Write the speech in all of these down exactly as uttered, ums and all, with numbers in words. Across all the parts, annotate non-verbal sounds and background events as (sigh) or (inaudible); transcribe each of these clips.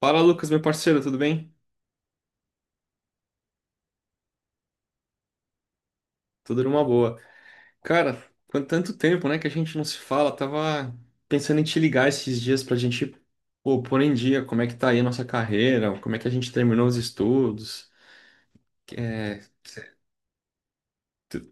Fala, Lucas, meu parceiro, tudo bem? Tudo numa boa. Cara, quanto tanto tempo, né, que a gente não se fala. Tava pensando em te ligar esses dias pra gente, pô, pôr em dia como é que tá aí a nossa carreira, como é que a gente terminou os estudos. É, cê- tu-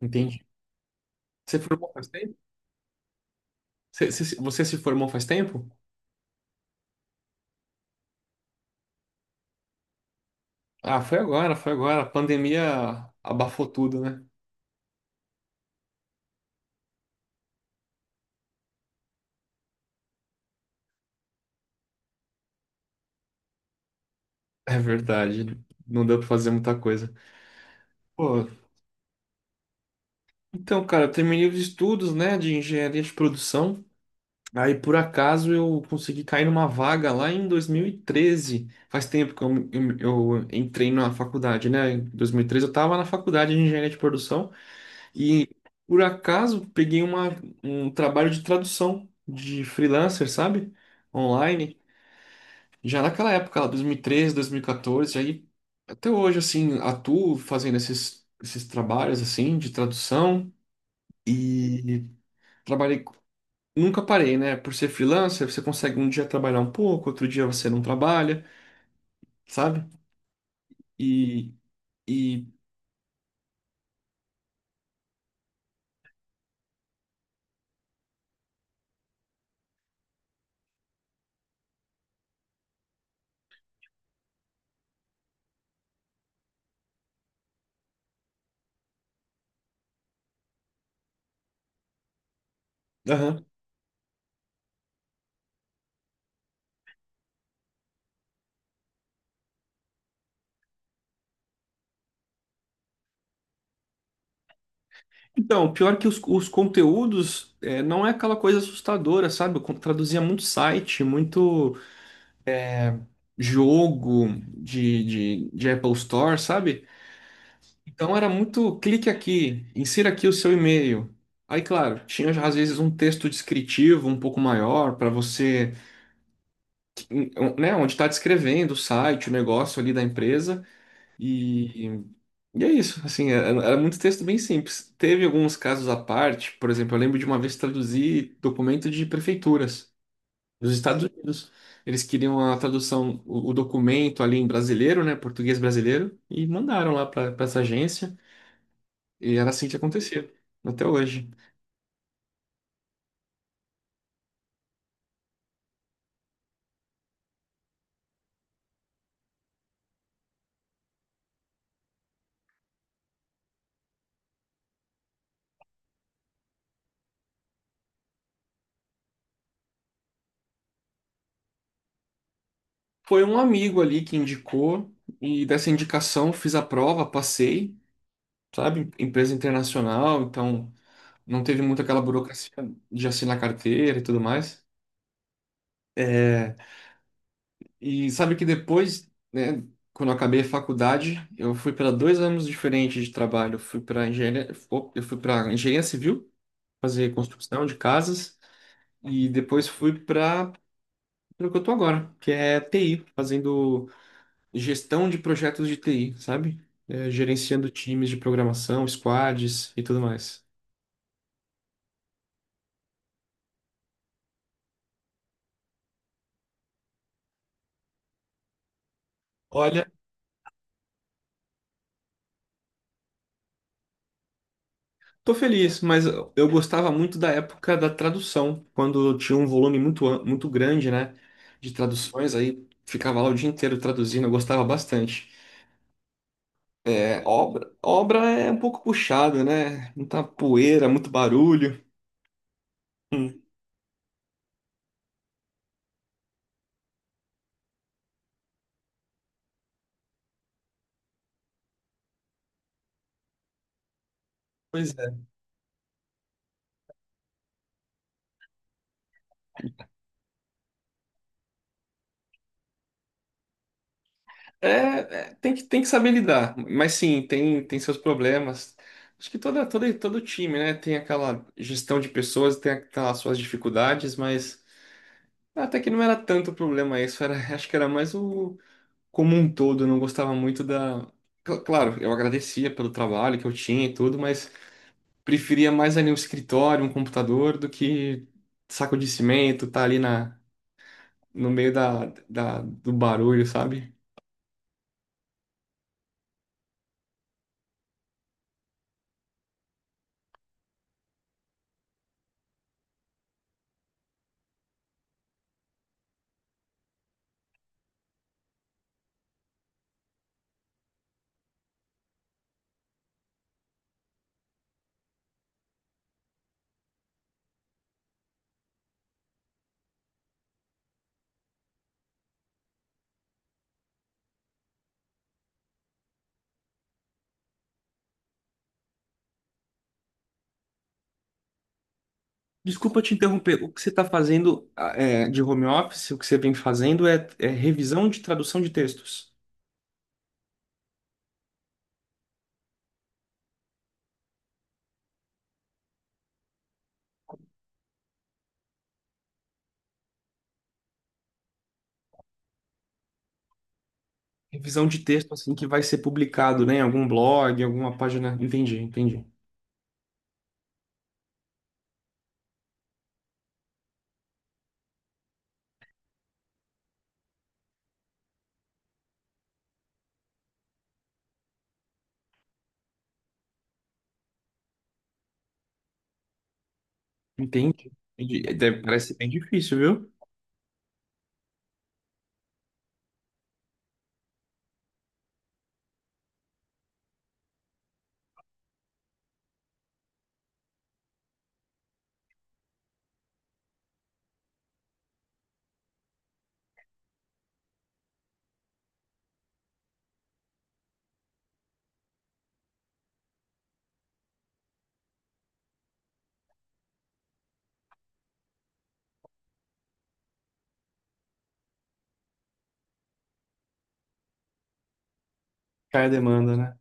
entende? Você formou faz tempo? Cê- cê se- Você se formou faz tempo? Ah, foi agora, foi agora. A pandemia abafou tudo, né? É verdade. Não deu pra fazer muita coisa. Pô, então, cara, eu terminei os estudos, né, de engenharia de produção. Aí, por acaso, eu consegui cair numa vaga lá em dois mil e treze. Faz tempo que eu, eu, eu entrei na faculdade, né? Em dois mil e treze eu estava na faculdade de engenharia de produção e, por acaso, peguei uma, um trabalho de tradução de freelancer, sabe? Online. Já naquela época, lá, dois mil e treze, dois mil e quatorze. Aí, até hoje, assim, atuo fazendo esses, esses trabalhos, assim, de tradução. E trabalhei, nunca parei, né? Por ser freelancer, você consegue um dia trabalhar um pouco, outro dia você não trabalha, sabe? E, e, aham. Então, pior que os, os conteúdos, é, não é aquela coisa assustadora, sabe? Eu con- traduzia muito site, muito jogo de, de, de Apple Store, sabe? Então era muito clique aqui, insira aqui o seu e-mail. Aí, claro, tinha às vezes um texto descritivo um pouco maior para você, né, onde está descrevendo o site, o negócio ali da empresa. E, e é isso, assim, era, era muito texto bem simples. Teve alguns casos à parte, por exemplo, eu lembro de uma vez traduzir documento de prefeituras dos Estados Unidos. Eles queriam a tradução, o, o documento ali em brasileiro, né, português brasileiro, e mandaram lá para essa agência, e era assim que acontecia, até hoje. Foi um amigo ali que indicou, e dessa indicação fiz a prova, passei, sabe, empresa internacional, então não teve muito aquela burocracia de assinar carteira e tudo mais. É, e sabe que depois, né, quando eu acabei a faculdade, eu fui para dois anos diferentes de trabalho. Eu fui para engenharia, eu fui para engenharia civil, fazer construção de casas, e depois fui para o que eu tô agora, que é T I, fazendo gestão de projetos de T I, sabe? É, gerenciando times de programação, squads e tudo mais. Olha, tô feliz, mas eu gostava muito da época da tradução, quando tinha um volume muito, am- muito grande, né, de traduções, aí ficava lá o dia inteiro traduzindo, eu gostava bastante. É, obra, obra é um pouco puxada, né? Muita poeira, muito barulho. Hum, Pois é. É, é, tem que, tem que saber lidar, mas sim, tem, tem seus problemas. Acho que toda, toda, todo time, né, tem aquela gestão de pessoas, tem aquelas suas dificuldades, mas até que não era tanto problema isso, era, (laughs) acho que era mais o como um todo, eu não gostava muito da. Cl- Claro, eu agradecia pelo trabalho que eu tinha e tudo, mas preferia mais ali um escritório, um computador, do que saco de cimento, tá ali na, no meio da, da, do barulho, sabe? Desculpa te interromper. O que você está fazendo, ah, é, de home office, o que você vem fazendo é, é revisão de tradução de textos. Revisão de texto, assim, que vai ser publicado, né, em algum blog, alguma página. Entendi, entendi. Entendi, entendi. É, deve- parece bem difícil, viu? Cai a demanda, né?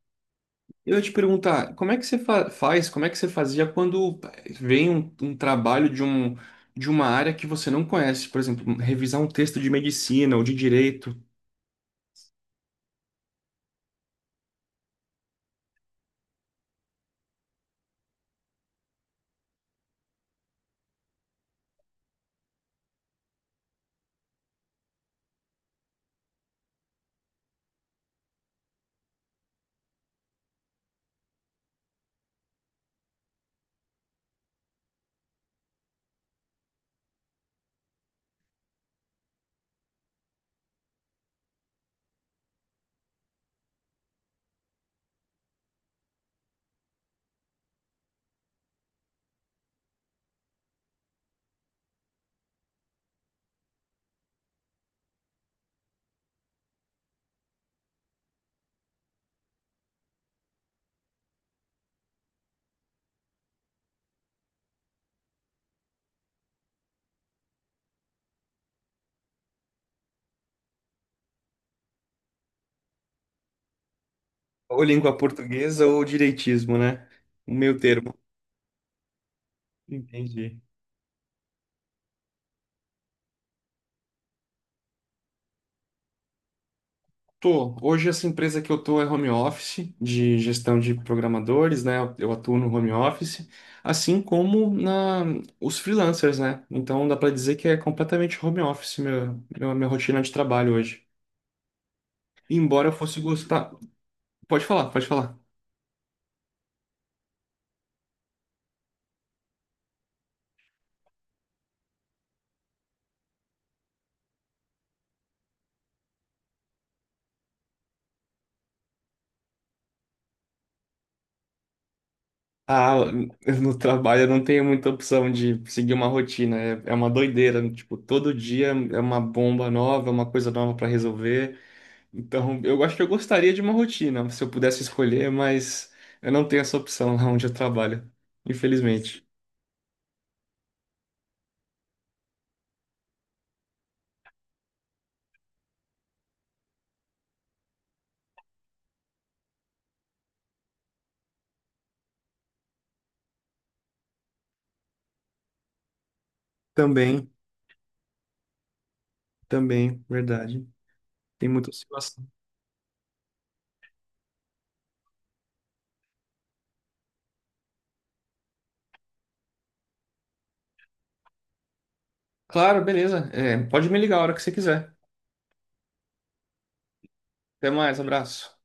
Eu ia te perguntar, como é que você fa- faz, como é que você fazia quando vem um, um trabalho de, um, de uma área que você não conhece? Por exemplo, revisar um texto de medicina ou de direito. Ou língua portuguesa ou direitismo, né? O meio termo. Entendi. Tô. Hoje essa empresa que eu tô é home office, de gestão de programadores, né? Eu eu atuo no home office, assim como na os freelancers, né? Então dá pra dizer que é completamente home office meu, meu- minha rotina de trabalho hoje. Embora eu fosse gostar. Pode falar, pode falar. Ah, no trabalho eu não tenho muita opção de seguir uma rotina. É, é uma doideira. Tipo, todo dia é uma bomba nova, é uma coisa nova para resolver. Então, eu acho que eu gostaria de uma rotina, se eu pudesse escolher, mas eu não tenho essa opção lá onde eu trabalho, infelizmente. Também, também, verdade. Tem muita situação. Claro, beleza. É, pode me ligar a hora que você quiser. Até mais, abraço.